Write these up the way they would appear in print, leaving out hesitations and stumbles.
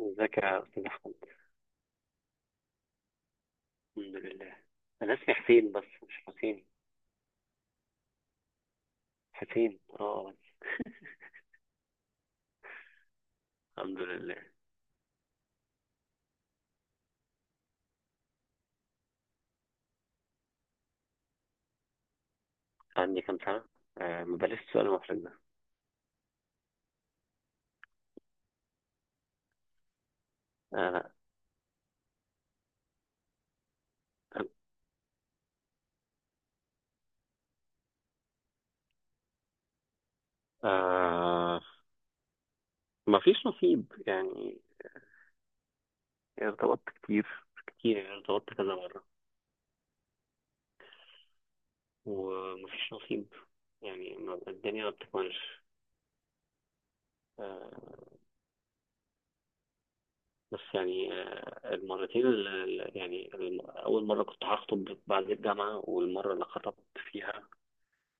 ازيك يا استاذ احمد؟ الحمد لله. انا اسمي حسين بس، مش حسين. حسين اه بس. الحمد لله. عندي كام سنه؟ آه، ما بلاش السؤال المحرج ده. آه. آه ما فيش نصيب يعني. ارتبطت كتير، كتير، يعني ارتبطت كذا مره وما فيش نصيب. يعني الدنيا ما بتكملش. آه. بس يعني المرتين، اول مره كنت هخطب بعد الجامعه، والمره اللي خطبت فيها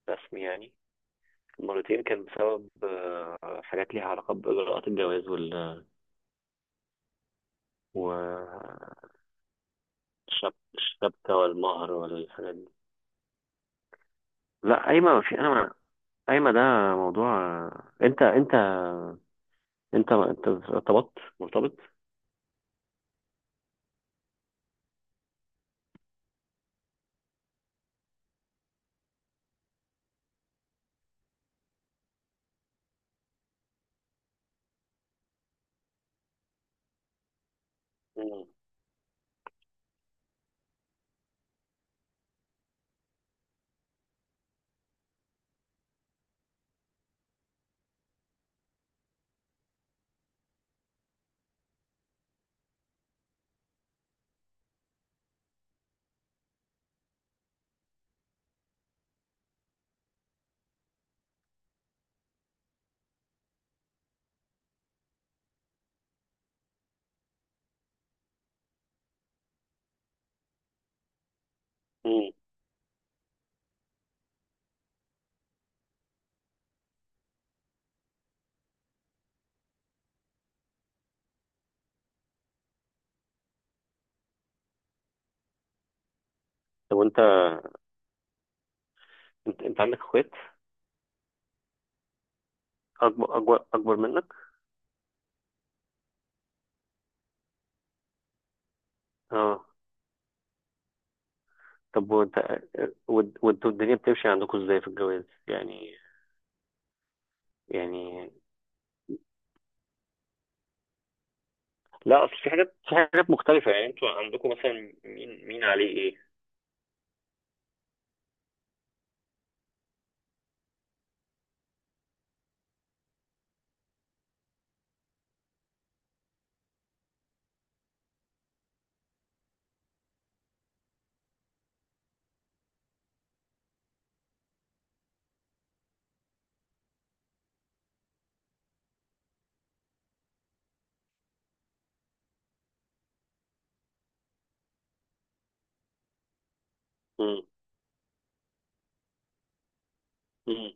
رسمي يعني. مرتين كان بسبب حاجات ليها علاقة بإجراءات الجواز والشبكة. الشبكة والمهر والحاجات دي. لا، قايمة ما في أنا ما قايمة ده موضوع. أنت أنت أنت ارتبطت مرتبط؟ مم. مم. طب وأنت، أنت عندك إخوات أكبر، منك؟ أه. طب وأنت، وأنتوا الدنيا بتمشي عندكم إزاي في الجواز يعني؟ يعني لا، اصل في حاجات، مختلفة. يعني انتوا عندكم مثلا مين عليه ايه؟ امم امم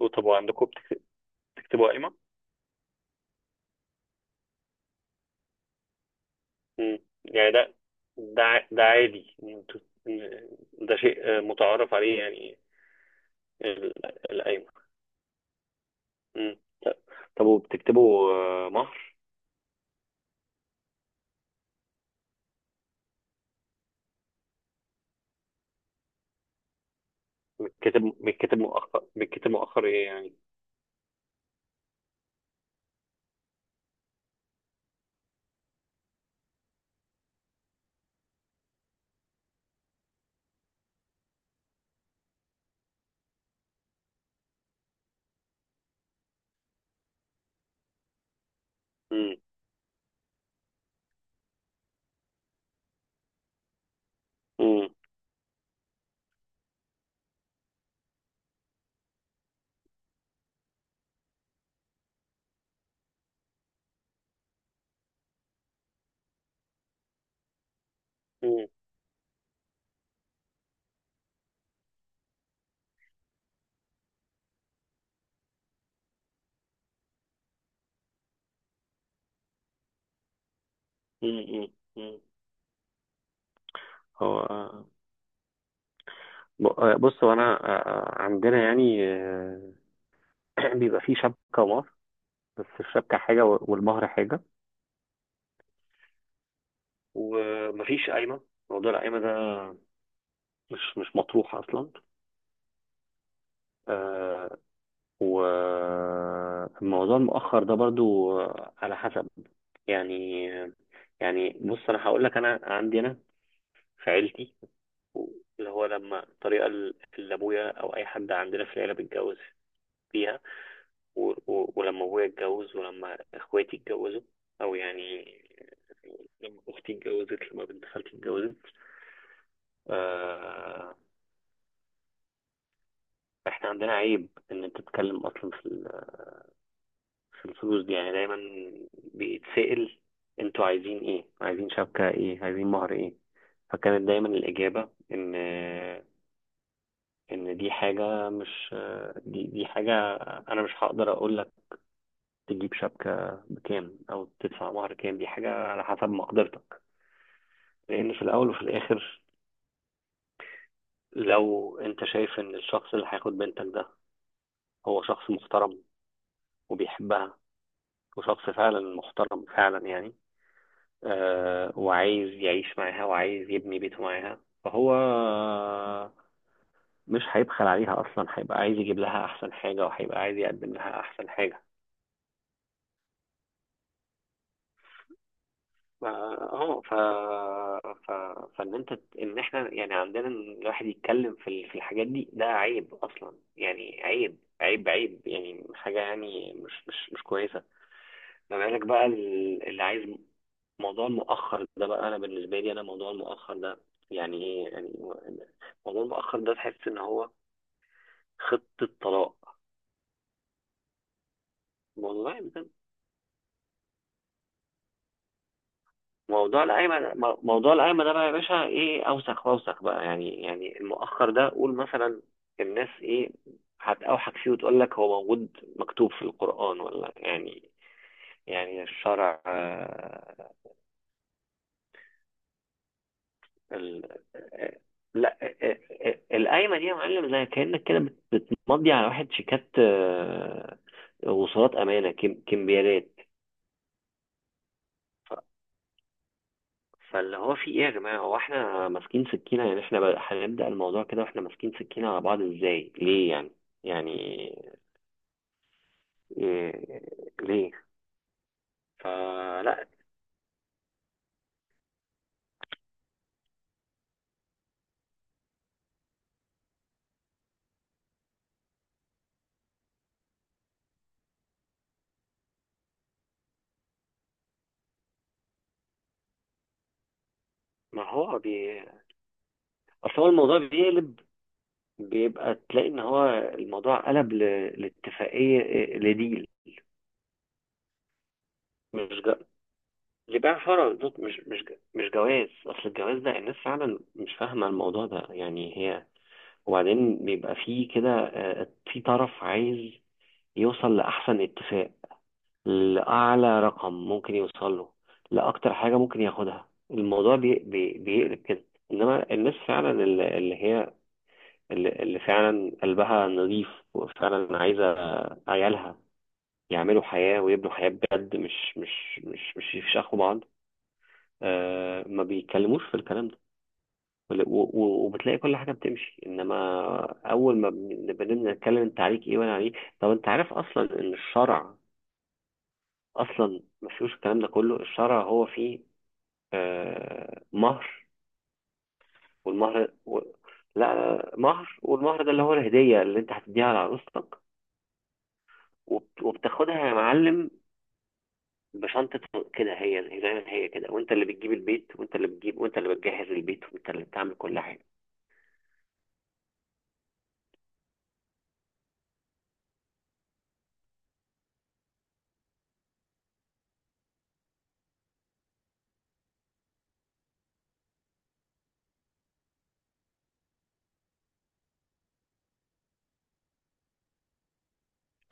وطب عندكم بتكتبوا قائمة؟ امم. يعني ده عادي إن إن ده شيء متعارف عليه يعني. القايمة. امم. طب طب وبتكتبوا مهر؟ بتكتب مؤخر، بتكتب مؤخر ايه يعني؟ امم امم امم امم امم. هو بص هو انا، عندنا يعني بيبقى في شبكة. بس الشبكة حاجة والمهر حاجة. ومفيش قايمة. موضوع القايمة ده مش مطروح أصلا. آه. وموضوع المؤخر ده برضو على حسب يعني. يعني بص، أنا هقول لك. أنا عندي، أنا في عيلتي، اللي هو لما الطريقة اللي أبويا أو أي حد عندنا في العيلة بيتجوز فيها، ولما أبويا اتجوز ولما إخواتي اتجوزوا، أو يعني لما أختي اتجوزت، لما بنت خالتي اتجوزت، آه، احنا عندنا عيب ان انت تتكلم اصلا في في الفلوس دي. يعني دايما بيتسأل: انتوا عايزين ايه؟ عايزين شبكة ايه؟ عايزين مهر ايه؟ فكانت دايما الإجابة ان دي حاجة مش، دي حاجة انا مش هقدر اقول لك تجيب شبكة بكام او تدفع مهر كام. دي حاجة على حسب مقدرتك. لان في الاول وفي الاخر، لو انت شايف ان الشخص اللي هياخد بنتك ده هو شخص محترم وبيحبها، وشخص فعلا محترم فعلا يعني، وعايز يعيش معاها وعايز يبني بيته معاها، فهو مش هيبخل عليها اصلا، هيبقى عايز يجيب لها احسن حاجه وهيبقى عايز يقدم لها احسن حاجه. ف- اه ف... ف... فان انت، ان احنا يعني عندنا إن الواحد يتكلم في في الحاجات دي ده عيب اصلا، يعني عيب، عيب، عيب، يعني حاجه يعني مش كويسه. ما بالك بقى اللي عايز. موضوع المؤخر ده بقى، انا بالنسبه لي انا موضوع المؤخر ده يعني ايه يعني. موضوع المؤخر ده تحس ان هو خطه طلاق. موضوع ده. موضوع القايمه موضوع القايمه ده بقى يا باشا، ايه! اوسخ واوسخ بقى يعني. يعني المؤخر ده قول مثلا الناس ايه هتوحك فيه وتقول لك هو موجود مكتوب في القران، ولا يعني، يعني الشرع. ال... لا، القايمه دي يا معلم زي كانك كده بتمضي على واحد شيكات، وصولات امانه، كمبيالات. ف- فاللي هو في ايه يا جماعه؟ هو احنا ماسكين سكينه يعني؟ احنا هنبدا الموضوع كده واحنا ماسكين سكينه على بعض؟ ازاي؟ ليه يعني؟ يعني إيه؟ ليه؟ فلا. ما هو بي اصل هو الموضوع بيقلب، بيبقى تلاقي ان هو الموضوع قلب لاتفاقيه، لديل. مش، اللي بيع شرع بالظبط. مش جواز. اصل الجواز ده الناس فعلا مش فاهمه الموضوع ده يعني هي. وبعدين بيبقى فيه كده، في طرف عايز يوصل لاحسن اتفاق، لاعلى رقم ممكن يوصل له، لاكتر حاجه ممكن ياخدها. الموضوع بي بي بيقلب كده. انما الناس فعلا اللي اللي هي اللي اللي فعلا قلبها نظيف، وفعلا عايزه عيالها يعملوا حياه ويبنوا حياه بجد، مش يفشخوا بعض، ما بيتكلموش في الكلام ده. وبتلاقي كل حاجه بتمشي. انما اول ما بنبدا نتكلم انت عليك ايه وانا عليك. طب انت عارف اصلا ان الشرع اصلا ما فيهوش الكلام ده كله؟ الشرع هو فيه مهر. والمهر لا لا، مهر. والمهر ده اللي هو الهديه اللي انت هتديها لعروستك. وبتاخدها يا معلم بشنطة كده، هي زي ما هي كده، وانت اللي بتجيب البيت وانت اللي بتجيب وانت اللي بتجهز البيت وانت اللي بتعمل كل حاجة.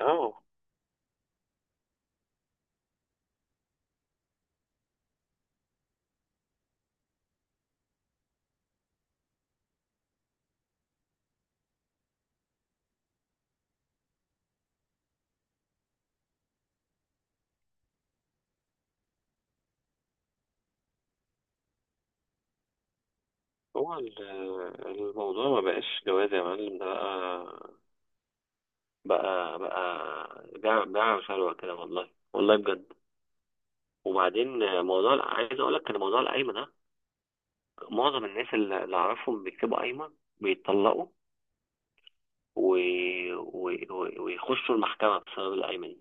اه. هو الموضوع ما بقاش جواز يا معلم، ده بقى، بيع، بيع وشهوة كده. والله والله بجد. وبعدين موضوع عايز اقول لك ان موضوع القايمه ده معظم الناس اللي اعرفهم بيكتبوا قايمه بيتطلقوا و... ويخشوا المحكمه بسبب القايمه دي.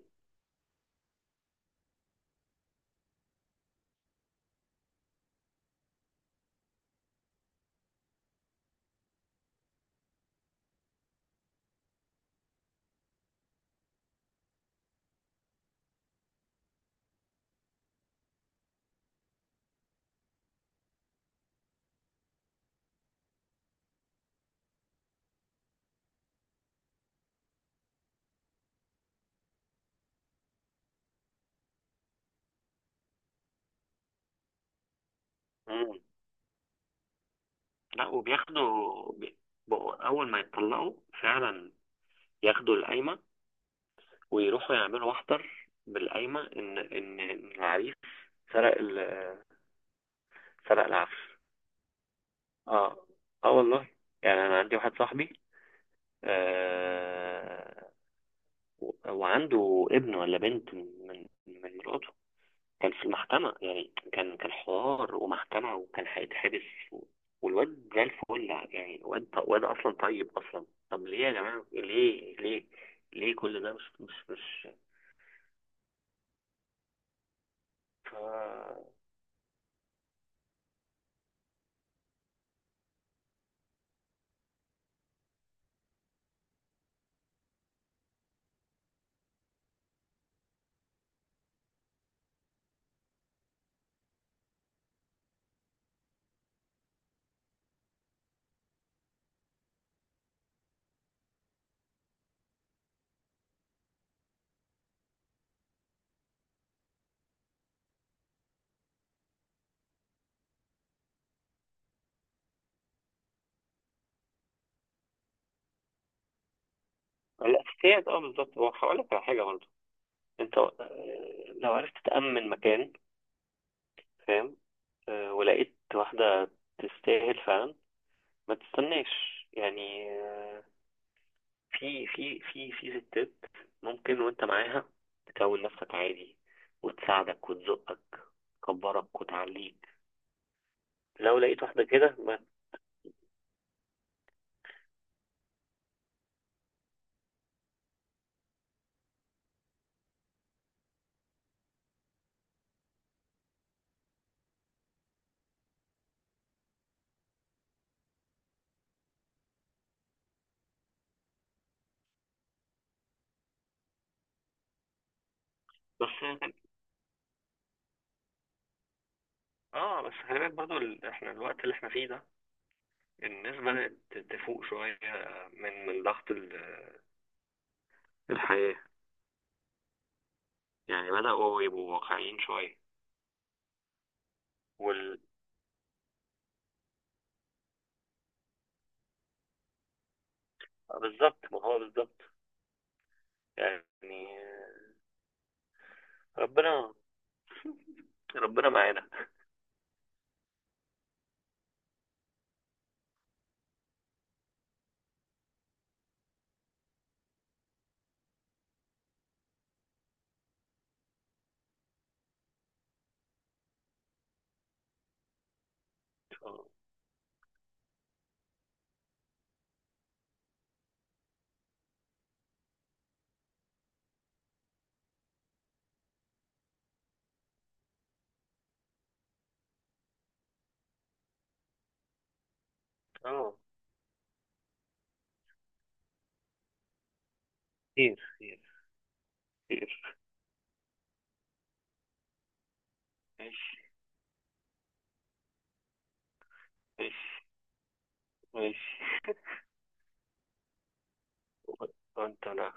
مم. لا. بقوا اول ما يتطلقوا فعلا ياخدوا القايمه ويروحوا يعملوا محضر بالقايمه ان إن العريس سرق فلا العفش. اه. اه والله. يعني انا عندي واحد صاحبي، آه، وعنده ابن ولا بنت من مراته. كان في المحكمة يعني، كان حوار ومحكمة وكان هيتحبس، و- والواد زي الفل. يعني واد اصلا طيب اصلا. طب ليه يا جماعة؟ ليه كل ده؟ مش مش مش ف. الاساسيات، اه بالظبط. هو هقول لك على حاجة برضه. انت لو عرفت تأمن مكان، فاهم، ولقيت واحدة تستاهل فعلا، ما تستناش. يعني في في ستات ممكن وانت معاها تكون نفسك عادي وتساعدك وتزقك، تكبرك وتعليك. لو لقيت واحدة كده، ما. بس. اه بس خلي بالك برضو احنا الوقت اللي احنا فيه ده الناس بدأت تفوق شوية من ضغط الحياة. يعني بدأوا يبقوا واقعيين شوية. وال... بالظبط، ما هو بالظبط. يعني ربنا، ربنا معانا. إن شاء الله. اه. خير، خير، خير. ماشي، ماشي، ماشي. وانت انا.